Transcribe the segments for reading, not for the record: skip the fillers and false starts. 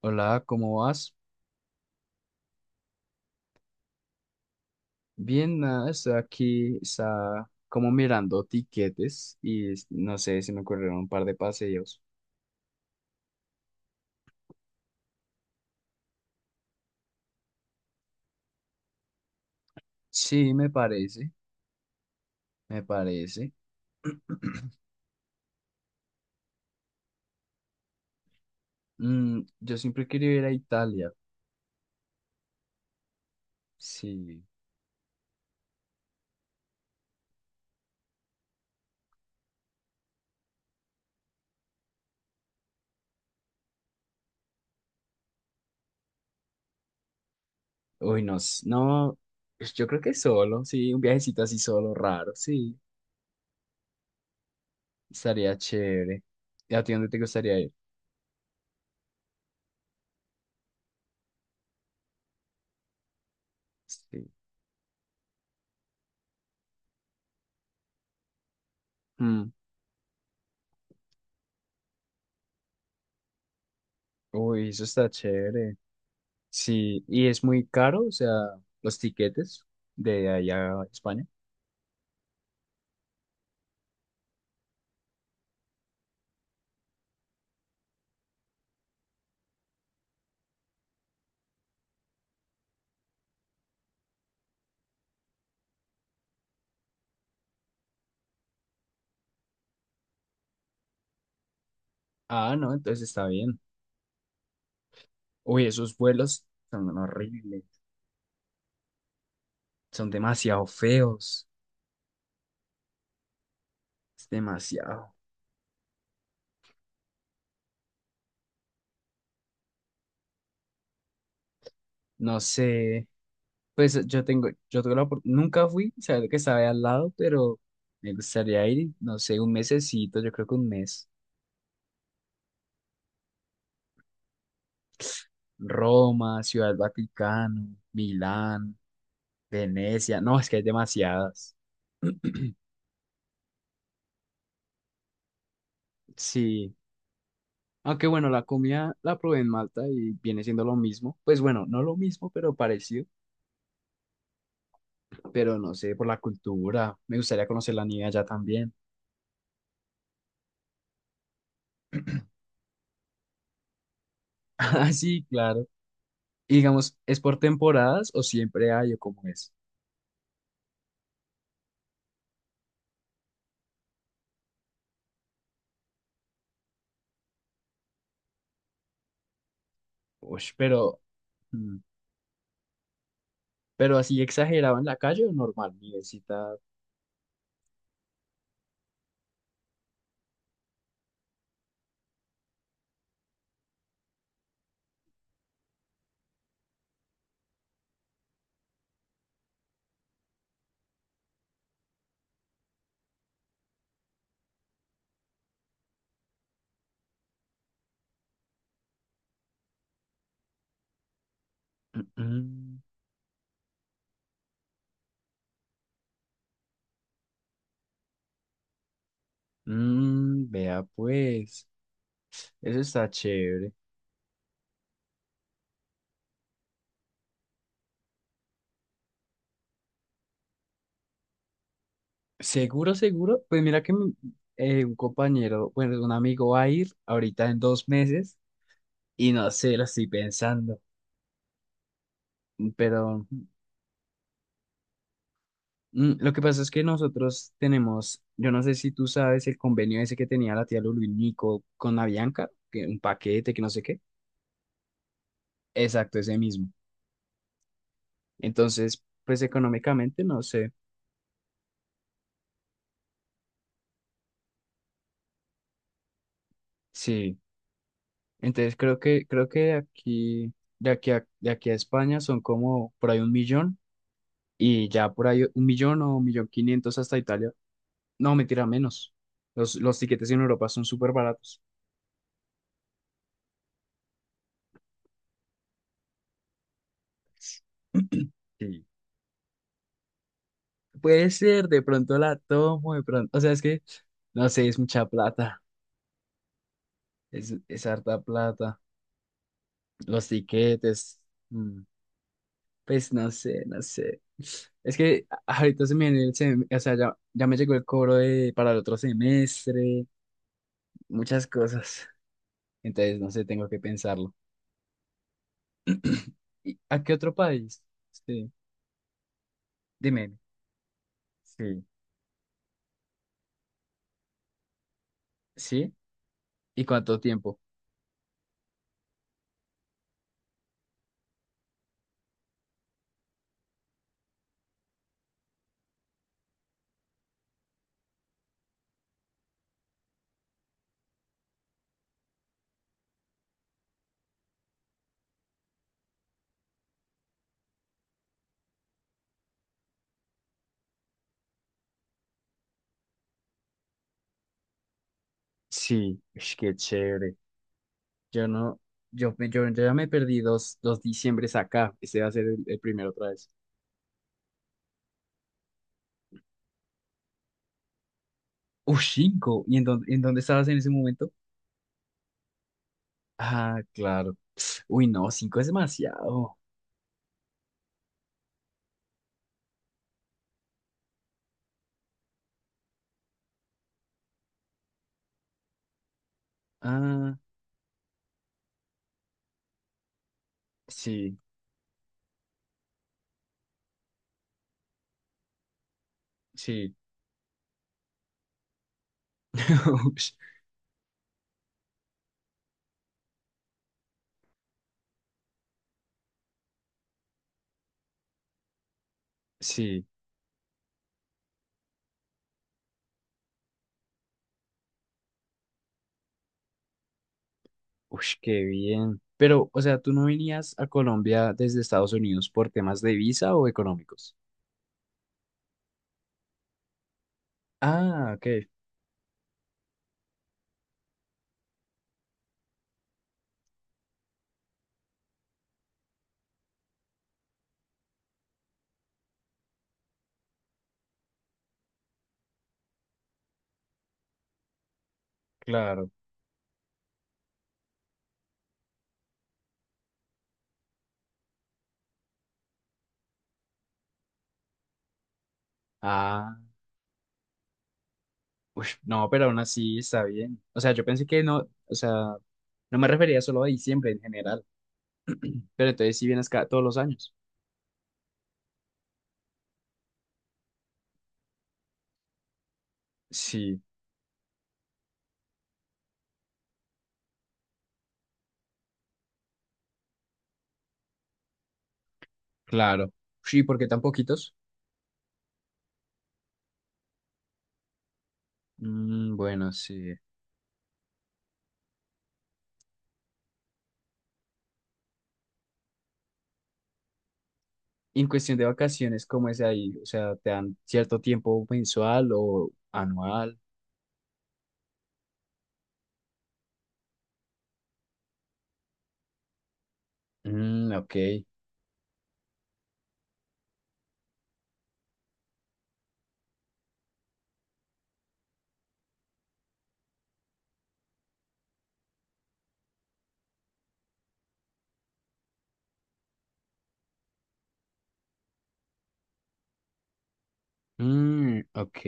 Hola, ¿cómo vas? Bien, nada, estoy aquí, está como mirando tiquetes y no sé, se me ocurrieron un par de paseos. Sí, me parece, me parece. Yo siempre quería ir a Italia, sí. Uy, no, no, pues yo creo que solo, sí, un viajecito así solo, raro, sí, estaría chévere. ¿Y a ti dónde te gustaría ir? Sí. Mm, Uy, eso está chévere. Sí, y es muy caro, o sea, los tiquetes de allá a España. Ah, no, entonces está bien. Uy, esos vuelos son horribles, son demasiado feos, es demasiado. No sé, pues yo tuve nunca fui, sabía que estaba ahí al lado, pero me gustaría ir, no sé, un mesecito, yo creo que un mes. Roma, Ciudad del Vaticano, Milán, Venecia, no, es que hay demasiadas. Sí, aunque bueno, la comida la probé en Malta y viene siendo lo mismo, pues bueno, no lo mismo, pero parecido. Pero no sé, por la cultura. Me gustaría conocer la nieve allá también. Ah, sí, claro. Y digamos, ¿es por temporadas o siempre hay o cómo es? Uy, mm, pero así exagerado en la calle o normal, nievecita. Mm, Vea pues, eso está chévere. Seguro, seguro. Pues mira que un compañero, bueno, un amigo va a ir ahorita en 2 meses y no sé, lo estoy pensando, pero lo que pasa es que nosotros tenemos, yo no sé si tú sabes el convenio ese que tenía la tía Lulu y Nico con Avianca, que un paquete, que no sé qué. Exacto, ese mismo. Entonces, pues económicamente no sé. Sí. Entonces creo que de aquí a España son como por ahí un millón y ya por ahí un millón o un millón quinientos hasta Italia. No, mentira, menos. Los tiquetes en Europa son súper baratos. Sí. Puede ser, de pronto la tomo, de pronto, o sea, es que, no sé, es mucha plata, es harta plata, los tiquetes, mm, pues no sé, no sé. Es que ahorita se me viene o sea, ya me llegó el cobro para el otro semestre, muchas cosas, entonces no sé, tengo que pensarlo. ¿Y a qué otro país? Sí, dime. Sí. ¿Sí? ¿Y cuánto tiempo? Sí, ush, qué chévere. Yo no, yo ya me perdí dos diciembres acá. Ese va a ser el primero otra vez. Cinco. ¿Y en dónde estabas en ese momento? Ah, claro. Uy, no, cinco es demasiado. Ah, sí, sí. Ush, sí. Uy, qué bien. Pero, o sea, ¿tú no venías a Colombia desde Estados Unidos por temas de visa o económicos? Ah, ok, claro. Ah. Uy, no, pero aún así está bien. O sea, yo pensé que no, o sea, no me refería solo a diciembre en general, pero entonces sí vienes todos los años. Sí, claro. Sí, ¿por qué tan poquitos? Mm, bueno, sí. Y en cuestión de vacaciones, ¿cómo es ahí? O sea, ¿te dan cierto tiempo mensual o anual? Mm, ok. Mm, ok.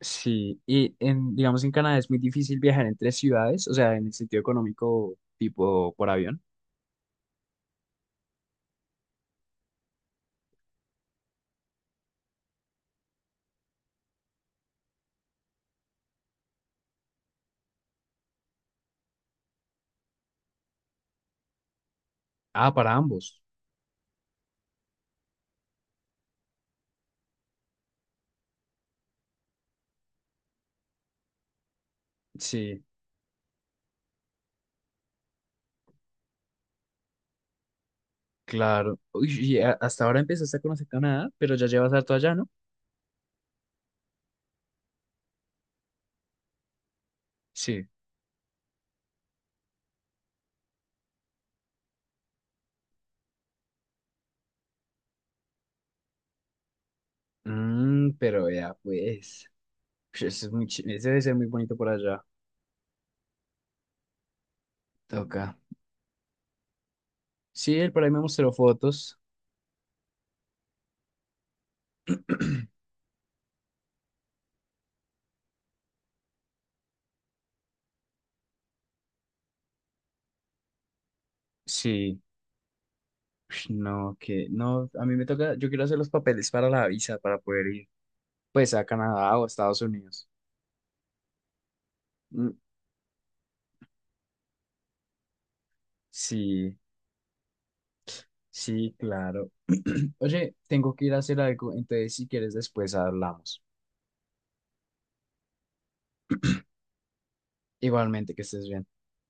Sí, y digamos, en Canadá es muy difícil viajar entre ciudades, o sea, en el sentido económico, tipo por avión. Ah, para ambos. Sí. Claro. Uy, y hasta ahora empezaste a conocer Canadá, pero ya llevas harto allá, ¿no? Sí, pero ya, pues. Ush, eso es ese debe ser muy bonito por allá. Toca. Sí, él por ahí me mostró fotos. Sí, ush, no, que no, a mí me toca, yo quiero hacer los papeles para la visa para poder ir, pues a Canadá o a Estados Unidos. Mm, sí, sí, claro. Oye, tengo que ir a hacer algo, entonces si quieres después hablamos. Igualmente, que estés bien.